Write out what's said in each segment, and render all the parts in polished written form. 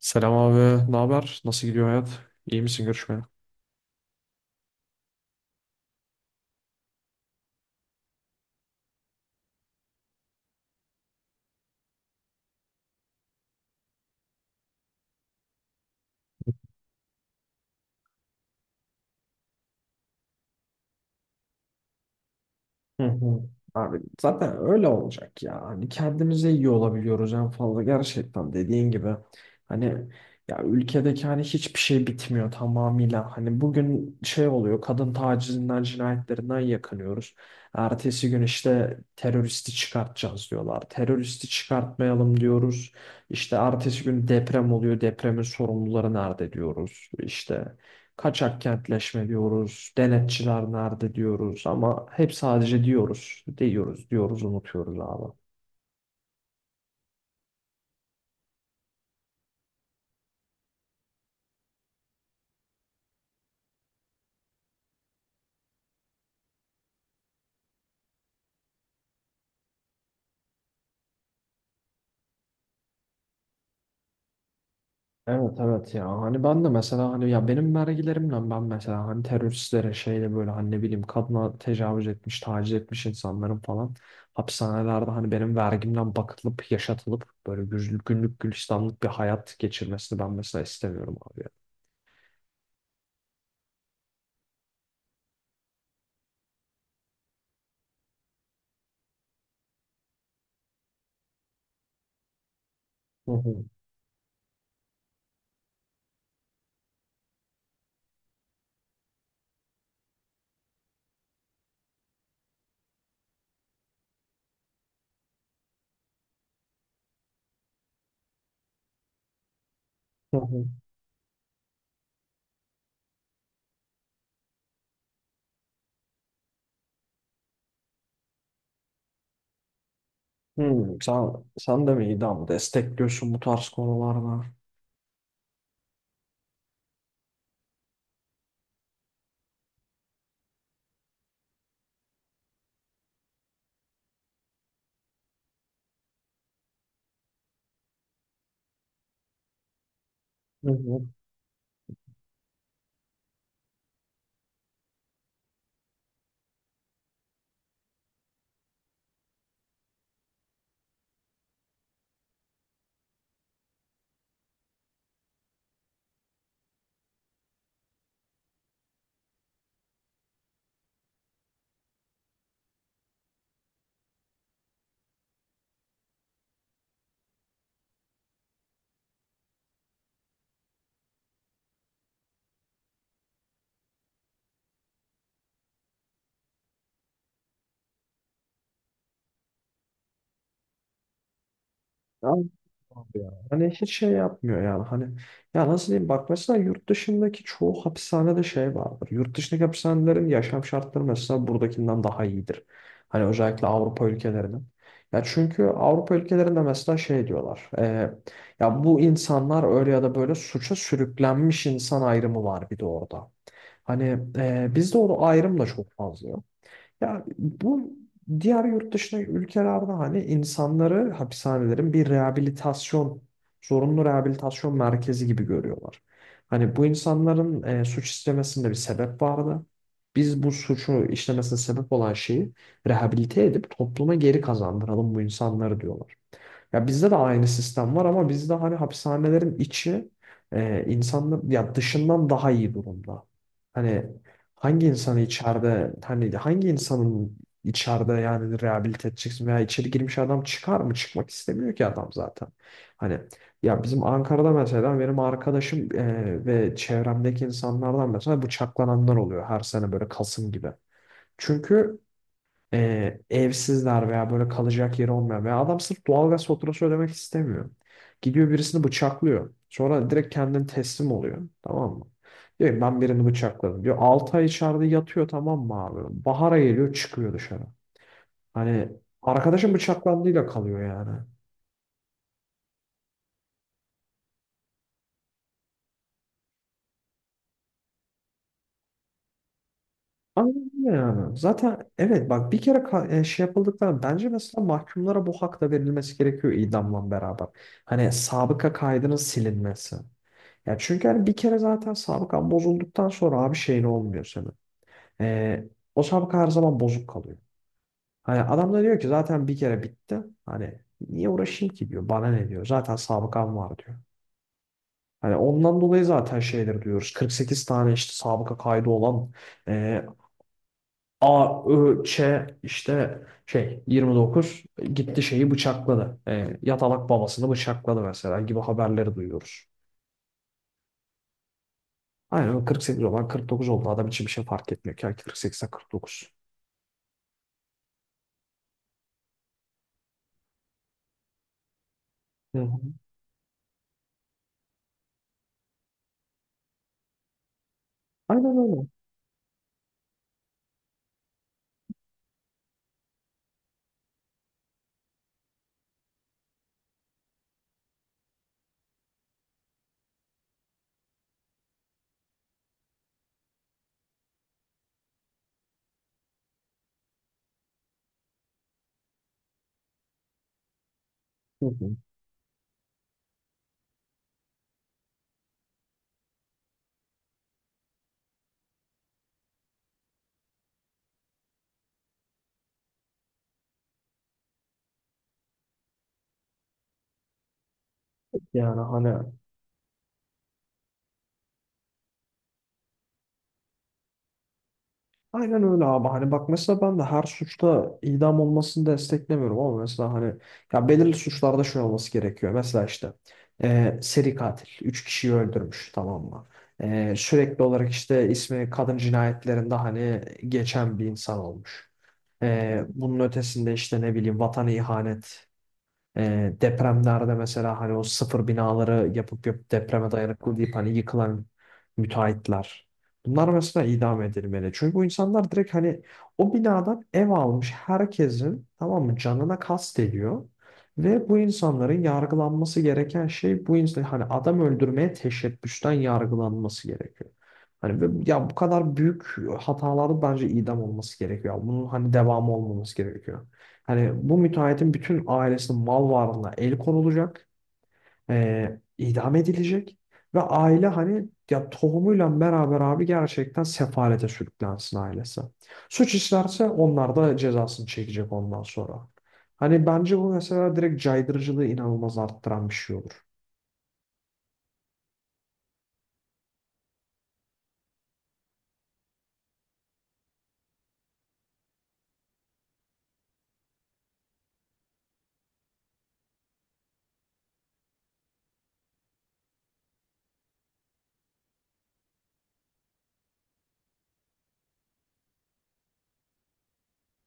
Selam abi, ne haber? Nasıl gidiyor hayat? İyi misin görüşmeye? Hı hı. Abi zaten öyle olacak ya. Hani kendimize iyi olabiliyoruz en fazla gerçekten dediğin gibi. Hani ya ülkedeki hani hiçbir şey bitmiyor tamamıyla. Hani bugün şey oluyor, kadın tacizinden cinayetlerinden yakınıyoruz. Ertesi gün işte teröristi çıkartacağız diyorlar. Teröristi çıkartmayalım diyoruz. İşte ertesi gün deprem oluyor. Depremin sorumluları nerede diyoruz. İşte kaçak kentleşme diyoruz, denetçiler nerede diyoruz, ama hep sadece diyoruz, diyoruz, diyoruz, unutuyoruz abi. Evet evet, ya hani ben de mesela hani ya benim vergilerimle ben mesela hani teröristlere şeyle böyle hani ne bileyim kadına tecavüz etmiş, taciz etmiş insanların falan hapishanelerde hani benim vergimden bakılıp yaşatılıp böyle günlük gülistanlık bir hayat geçirmesini ben mesela istemiyorum abi, ya. Hı hı. Hı hı. Hmm, sen, sen de mi iyi ama destekliyorsun bu tarz konularda? Hı hı. Ya, abi ya. Hani hiç şey yapmıyor yani hani ya nasıl diyeyim bak mesela yurt dışındaki çoğu hapishanede şey vardır. Yurt dışındaki hapishanelerin yaşam şartları mesela buradakinden daha iyidir. Hani özellikle Avrupa ülkelerinin. Ya çünkü Avrupa ülkelerinde mesela şey diyorlar. Ya bu insanlar öyle ya da böyle suça sürüklenmiş insan ayrımı var bir de orada. Hani bizde o ayrım da çok fazla yok. Ya bu diğer yurt dışındaki ülkelerde hani insanları hapishanelerin bir rehabilitasyon, zorunlu rehabilitasyon merkezi gibi görüyorlar. Hani bu insanların suç işlemesinde bir sebep vardı. Biz bu suçu işlemesine sebep olan şeyi rehabilite edip topluma geri kazandıralım bu insanları diyorlar. Ya bizde de aynı sistem var, ama bizde hani hapishanelerin içi insanlar ya dışından daha iyi durumda. Hani hangi insanı içeride hani hangi insanın içeride yani rehabilite edeceksin veya içeri girmiş adam çıkar mı? Çıkmak istemiyor ki adam zaten. Hani ya bizim Ankara'da mesela benim arkadaşım ve çevremdeki insanlardan mesela bıçaklananlar oluyor her sene böyle Kasım gibi. Çünkü evsizler veya böyle kalacak yeri olmayan veya adam sırf doğalgaz faturası ödemek istemiyor. Gidiyor birisini bıçaklıyor. Sonra direkt kendini teslim oluyor. Tamam mı? Diyor ki, ben birini bıçakladım. Diyor, 6 ay içeride yatıyor tamam mı abi? Bahara geliyor, çıkıyor dışarı. Hani arkadaşın bıçaklandığıyla kalıyor yani. Anladın mı yani? Zaten evet bak, bir kere şey yapıldıktan bence mesela mahkumlara bu hak da verilmesi gerekiyor idamla beraber. Hani sabıka kaydının silinmesi. Ya çünkü hani bir kere zaten sabıkan bozulduktan sonra abi şeyin olmuyor senin. Ee, o sabıka her zaman bozuk kalıyor. Hani adam da diyor ki zaten bir kere bitti. Hani niye uğraşayım ki diyor. Bana ne diyor. Zaten sabıkam var diyor. Hani ondan dolayı zaten şeyleri diyoruz. 48 tane işte sabıka kaydı olan e, A, Ö, Ç işte şey 29 gitti şeyi bıçakladı. Yatalak babasını bıçakladı mesela gibi haberleri duyuyoruz. Aynen, o 48 olan 49 oldu. Adam için bir şey fark etmiyor ki. 48'e 49. Hı hı. Aynen öyle. Hı hı. Yani hani aynen öyle abi. Hani bak mesela ben de her suçta idam olmasını desteklemiyorum ama mesela hani ya belirli suçlarda şöyle olması gerekiyor. Mesela işte seri katil 3 kişiyi öldürmüş tamam mı? Sürekli olarak işte ismi kadın cinayetlerinde hani geçen bir insan olmuş. Bunun ötesinde işte ne bileyim vatan ihanet. Depremlerde mesela hani o sıfır binaları yapıp yapıp depreme dayanıklı deyip hani yıkılan müteahhitler. Bunlar mesela idam edilmeli. Çünkü bu insanlar direkt hani o binadan ev almış herkesin tamam mı canına kast ediyor. Ve bu insanların yargılanması gereken şey bu insan hani adam öldürmeye teşebbüsten yargılanması gerekiyor. Hani ya bu kadar büyük hataların bence idam olması gerekiyor. Bunun hani devamı olmaması gerekiyor. Hani bu müteahhitin bütün ailesinin mal varlığına el konulacak, idam edilecek ve aile hani ya tohumuyla beraber abi gerçekten sefalete sürüklensin ailesi. Suç işlerse onlar da cezasını çekecek ondan sonra. Hani bence bu mesela direkt caydırıcılığı inanılmaz arttıran bir şey olur.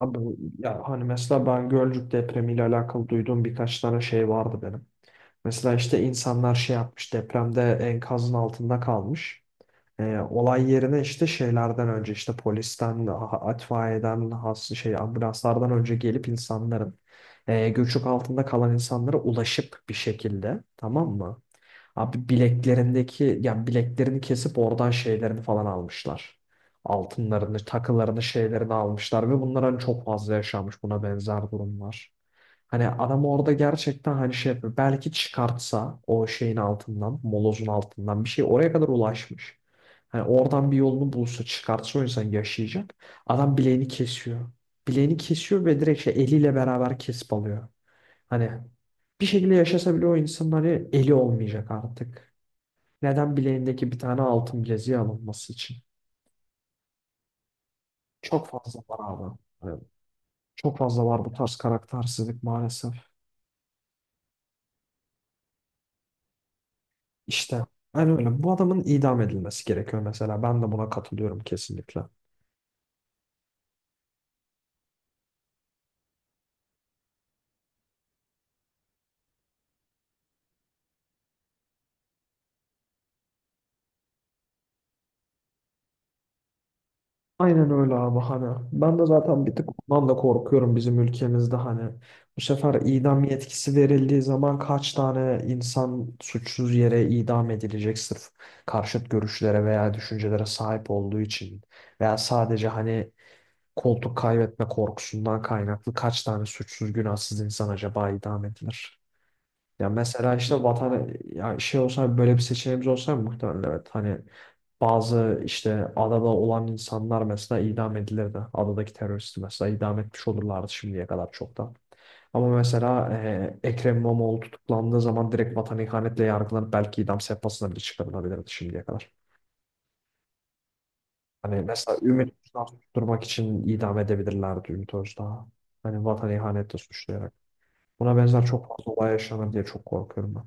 Abi, ya hani mesela ben Gölcük depremiyle alakalı duyduğum birkaç tane şey vardı benim. Mesela işte insanlar şey yapmış depremde, enkazın altında kalmış. Olay yerine işte şeylerden önce işte polisten, itfaiyeden, has şey ambulanslardan önce gelip insanların göçük altında kalan insanlara ulaşıp bir şekilde tamam mı? Abi bileklerindeki yani bileklerini kesip oradan şeylerini falan almışlar. Altınlarını, takılarını, şeylerini almışlar ve bunlar hani çok fazla yaşanmış, buna benzer durumlar. Hani adam orada gerçekten hani şey yapıyor. Belki çıkartsa o şeyin altından, molozun altından bir şey, oraya kadar ulaşmış. Hani oradan bir yolunu bulsa, çıkartsa o insan yaşayacak. Adam bileğini kesiyor. Bileğini kesiyor ve direkt şey eliyle beraber kesip alıyor. Hani bir şekilde yaşasa bile o insan hani eli olmayacak artık. Neden, bileğindeki bir tane altın bileziği alınması için? Çok fazla var abi. Yani çok fazla var bu tarz karaktersizlik maalesef. İşte aynen öyle. Bu adamın idam edilmesi gerekiyor mesela. Ben de buna katılıyorum kesinlikle. Aynen öyle abi, hani ben de zaten bir tık ondan da korkuyorum bizim ülkemizde. Hani bu sefer idam yetkisi verildiği zaman kaç tane insan suçsuz yere idam edilecek sırf karşıt görüşlere veya düşüncelere sahip olduğu için veya sadece hani koltuk kaybetme korkusundan kaynaklı kaç tane suçsuz günahsız insan acaba idam edilir? Ya mesela işte vatan ya şey olsa, böyle bir seçeneğimiz olsa muhtemelen evet hani bazı işte adada olan insanlar mesela idam edilirdi. Adadaki teröristi mesela idam etmiş olurlardı şimdiye kadar çoktan. Ama mesela Ekrem İmamoğlu tutuklandığı zaman direkt vatan ihanetle yargılanıp belki idam sehpasına bile çıkarılabilirdi şimdiye kadar. Hani mesela Ümit Özdağ'ı tutturmak için idam edebilirlerdi Ümit Özdağ'ı. Hani vatan ihanetle suçlayarak. Buna benzer çok fazla olay yaşanır diye çok korkuyorum ben.